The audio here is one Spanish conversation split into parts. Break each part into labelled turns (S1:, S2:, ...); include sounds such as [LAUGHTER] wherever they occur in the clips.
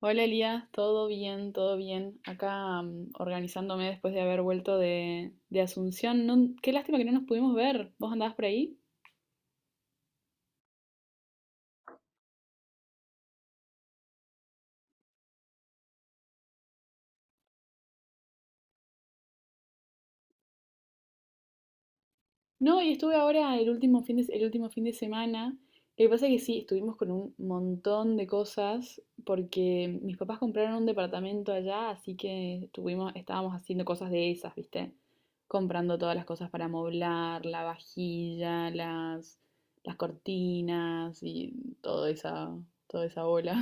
S1: Hola Elías, todo bien, todo bien. Acá organizándome después de haber vuelto de Asunción. Qué lástima que no nos pudimos ver. ¿Vos andabas por ahí? No, y estuve ahora el último el último fin de semana. Lo que pasa es que sí, estuvimos con un montón de cosas porque mis papás compraron un departamento allá, así que estábamos haciendo cosas de esas, ¿viste? Comprando todas las cosas para moblar, la vajilla, las cortinas y toda esa, toda esa bola.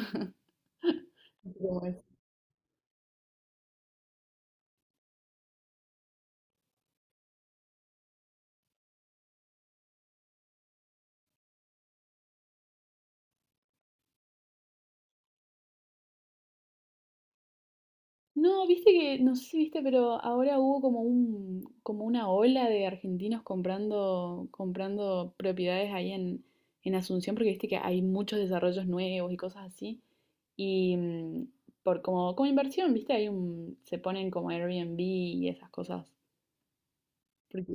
S1: [LAUGHS] No, viste que, no sé si viste, pero ahora hubo como como una ola de argentinos comprando propiedades ahí en Asunción, porque viste que hay muchos desarrollos nuevos y cosas así. Y como inversión, viste, hay un, se ponen como Airbnb y esas cosas. Porque,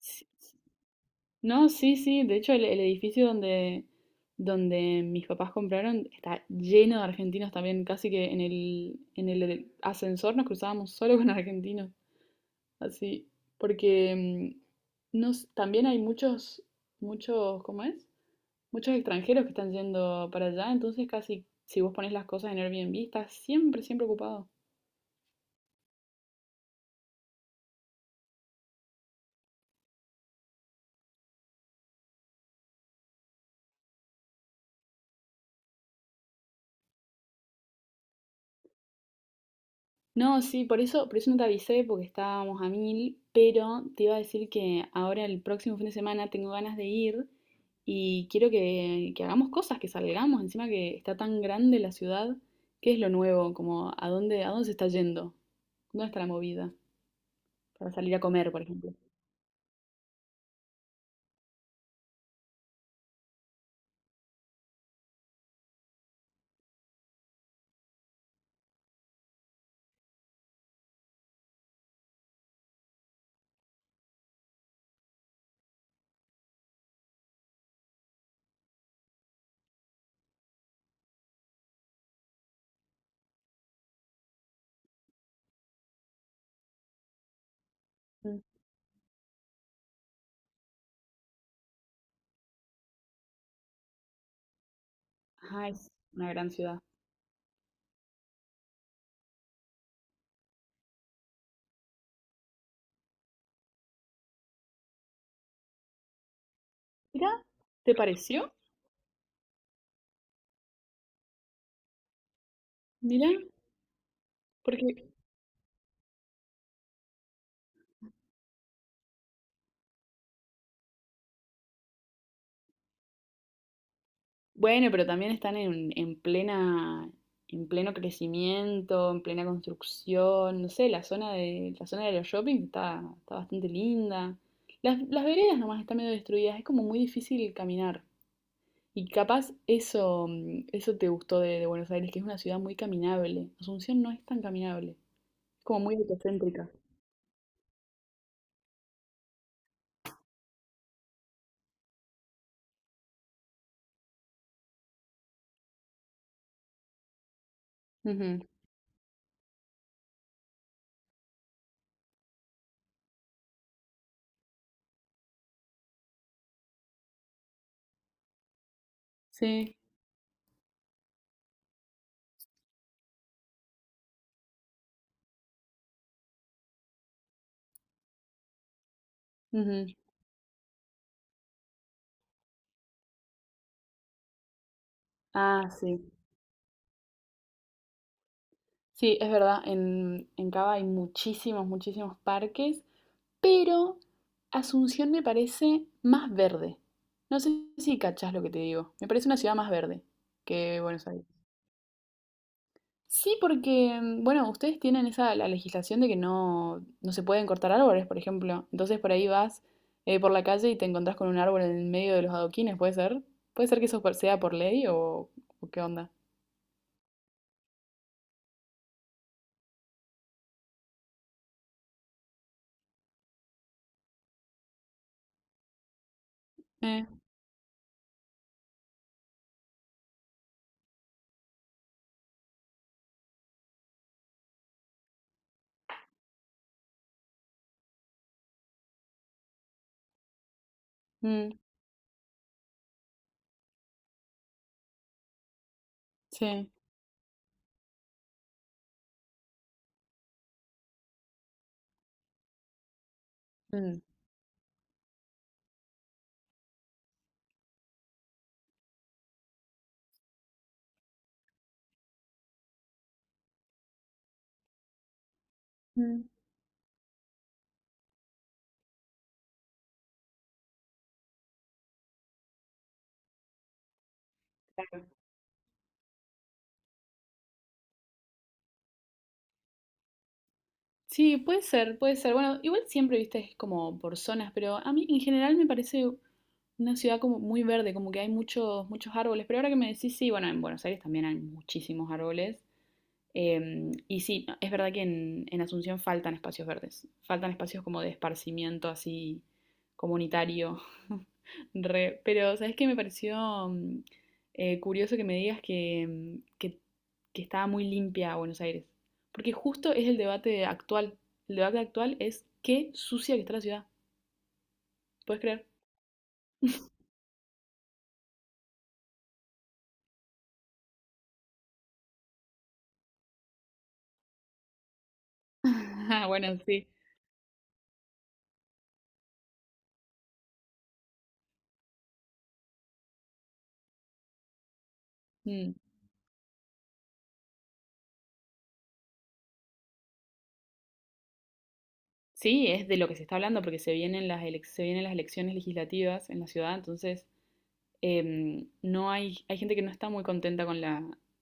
S1: sí, no, sí, sí. De hecho, el edificio donde mis papás compraron está lleno de argentinos también. Casi que en en el ascensor nos cruzábamos solo con argentinos. Así. Porque nos, también hay muchos, muchos, ¿cómo es? Muchos extranjeros que están yendo para allá. Entonces, casi si vos pones las cosas en Airbnb, estás siempre, siempre ocupado. No, sí, por eso no te avisé porque estábamos a mil, pero te iba a decir que ahora el próximo fin de semana tengo ganas de ir y quiero que hagamos cosas, que salgamos, encima que está tan grande la ciudad, ¿qué es lo nuevo? Como, ¿a a dónde se está yendo? ¿Dónde está la movida? Para salir a comer, por ejemplo. Mm. Ajá, es una gran ciudad. Mira, ¿te pareció? Mira, porque bueno, pero también están en plena, en pleno crecimiento, en plena construcción. No sé, la zona de los shopping está, está bastante linda. Las veredas nomás están medio destruidas, es como muy difícil caminar. Y capaz eso, eso te gustó de Buenos Aires, que es una ciudad muy caminable. Asunción no es tan caminable, es como muy autocéntrica. Ujú, sí. Ujú. Ah, sí. Sí, es verdad. En Cava hay muchísimos, muchísimos parques. Pero Asunción me parece más verde. No sé si cachás lo que te digo. Me parece una ciudad más verde que Buenos Aires. Sí, porque, bueno, ustedes tienen esa la legislación de que no, no se pueden cortar árboles, por ejemplo. Entonces por ahí vas por la calle y te encontrás con un árbol en el medio de los adoquines, ¿puede ser? ¿Puede ser que eso sea por ley o qué onda? Eh, mm, sí. Mm, mm. Sí, puede ser, puede ser. Bueno, igual siempre, viste, es como por zonas, pero a mí en general me parece una ciudad como muy verde, como que hay muchos, muchos árboles. Pero ahora que me decís, sí, bueno, en Buenos Aires también hay muchísimos árboles. Y sí, es verdad que en Asunción faltan espacios verdes, faltan espacios como de esparcimiento así comunitario, [LAUGHS] re, pero ¿sabes qué? Me pareció mm, curioso que me digas que estaba muy limpia Buenos Aires, porque justo es el debate actual es qué sucia que está la ciudad, ¿puedes creer? [LAUGHS] Ah, bueno, sí. Mm. Sí, es de lo que se está hablando porque se vienen se vienen las elecciones legislativas en la ciudad, entonces no hay, hay gente que no está muy contenta con la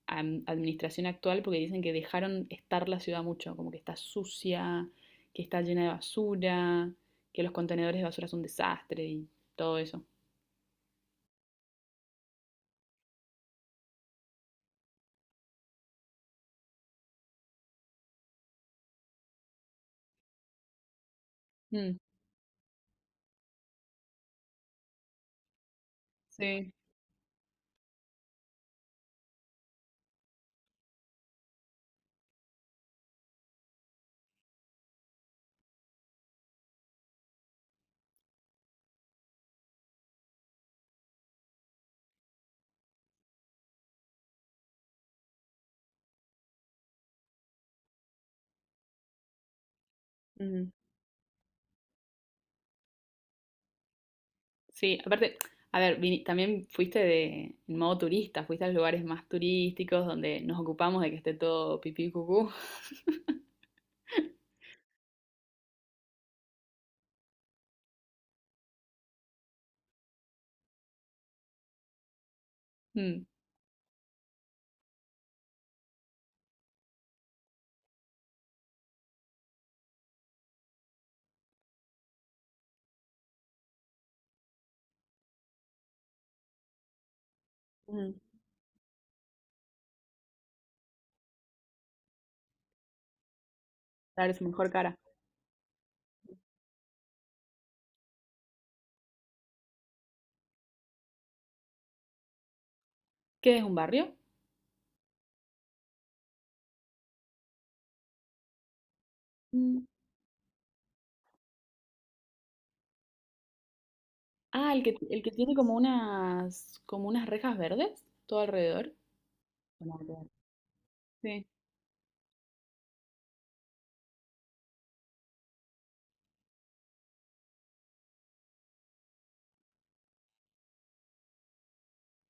S1: administración actual porque dicen que dejaron estar la ciudad mucho, como que está sucia, que está llena de basura, que los contenedores de basura son un desastre y todo eso. Mm, sí. Ujú. Sí, aparte, a ver, también fuiste de, en modo turista, fuiste a los lugares más turísticos donde nos ocupamos de que esté todo pipí cucú. [LAUGHS] Mm, ujú. Claro, es mejor cara. ¿Qué es un barrio? Ah, el que tiene como unas rejas verdes todo alrededor. Bueno, claro. Sí,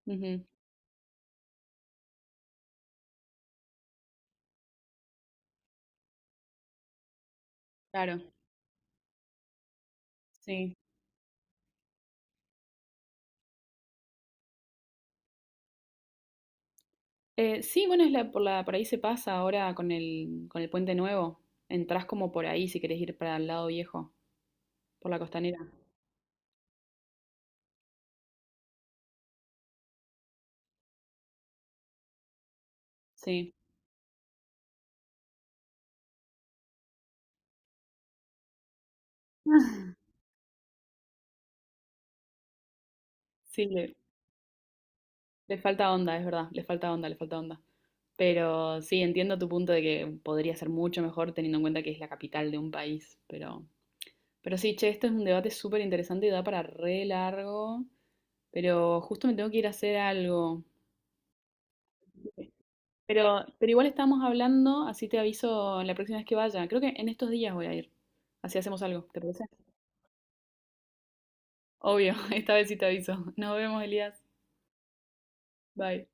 S1: ujú, claro, sí. Sí, bueno, es la, por ahí se pasa ahora con el puente nuevo. Entrás como por ahí si querés ir para el lado viejo, por la costanera. Sí. [LAUGHS] Sí, le falta onda, es verdad, le falta onda, le falta onda. Pero sí, entiendo tu punto de que podría ser mucho mejor teniendo en cuenta que es la capital de un país, pero sí, che, esto es un debate súper interesante y da para re largo. Pero justo me tengo que ir a hacer algo. Pero igual estamos hablando, así te aviso la próxima vez que vaya. Creo que en estos días voy a ir. Así hacemos algo, ¿te parece? Obvio, [LAUGHS] esta vez sí te aviso. Nos vemos, Elías. Bye.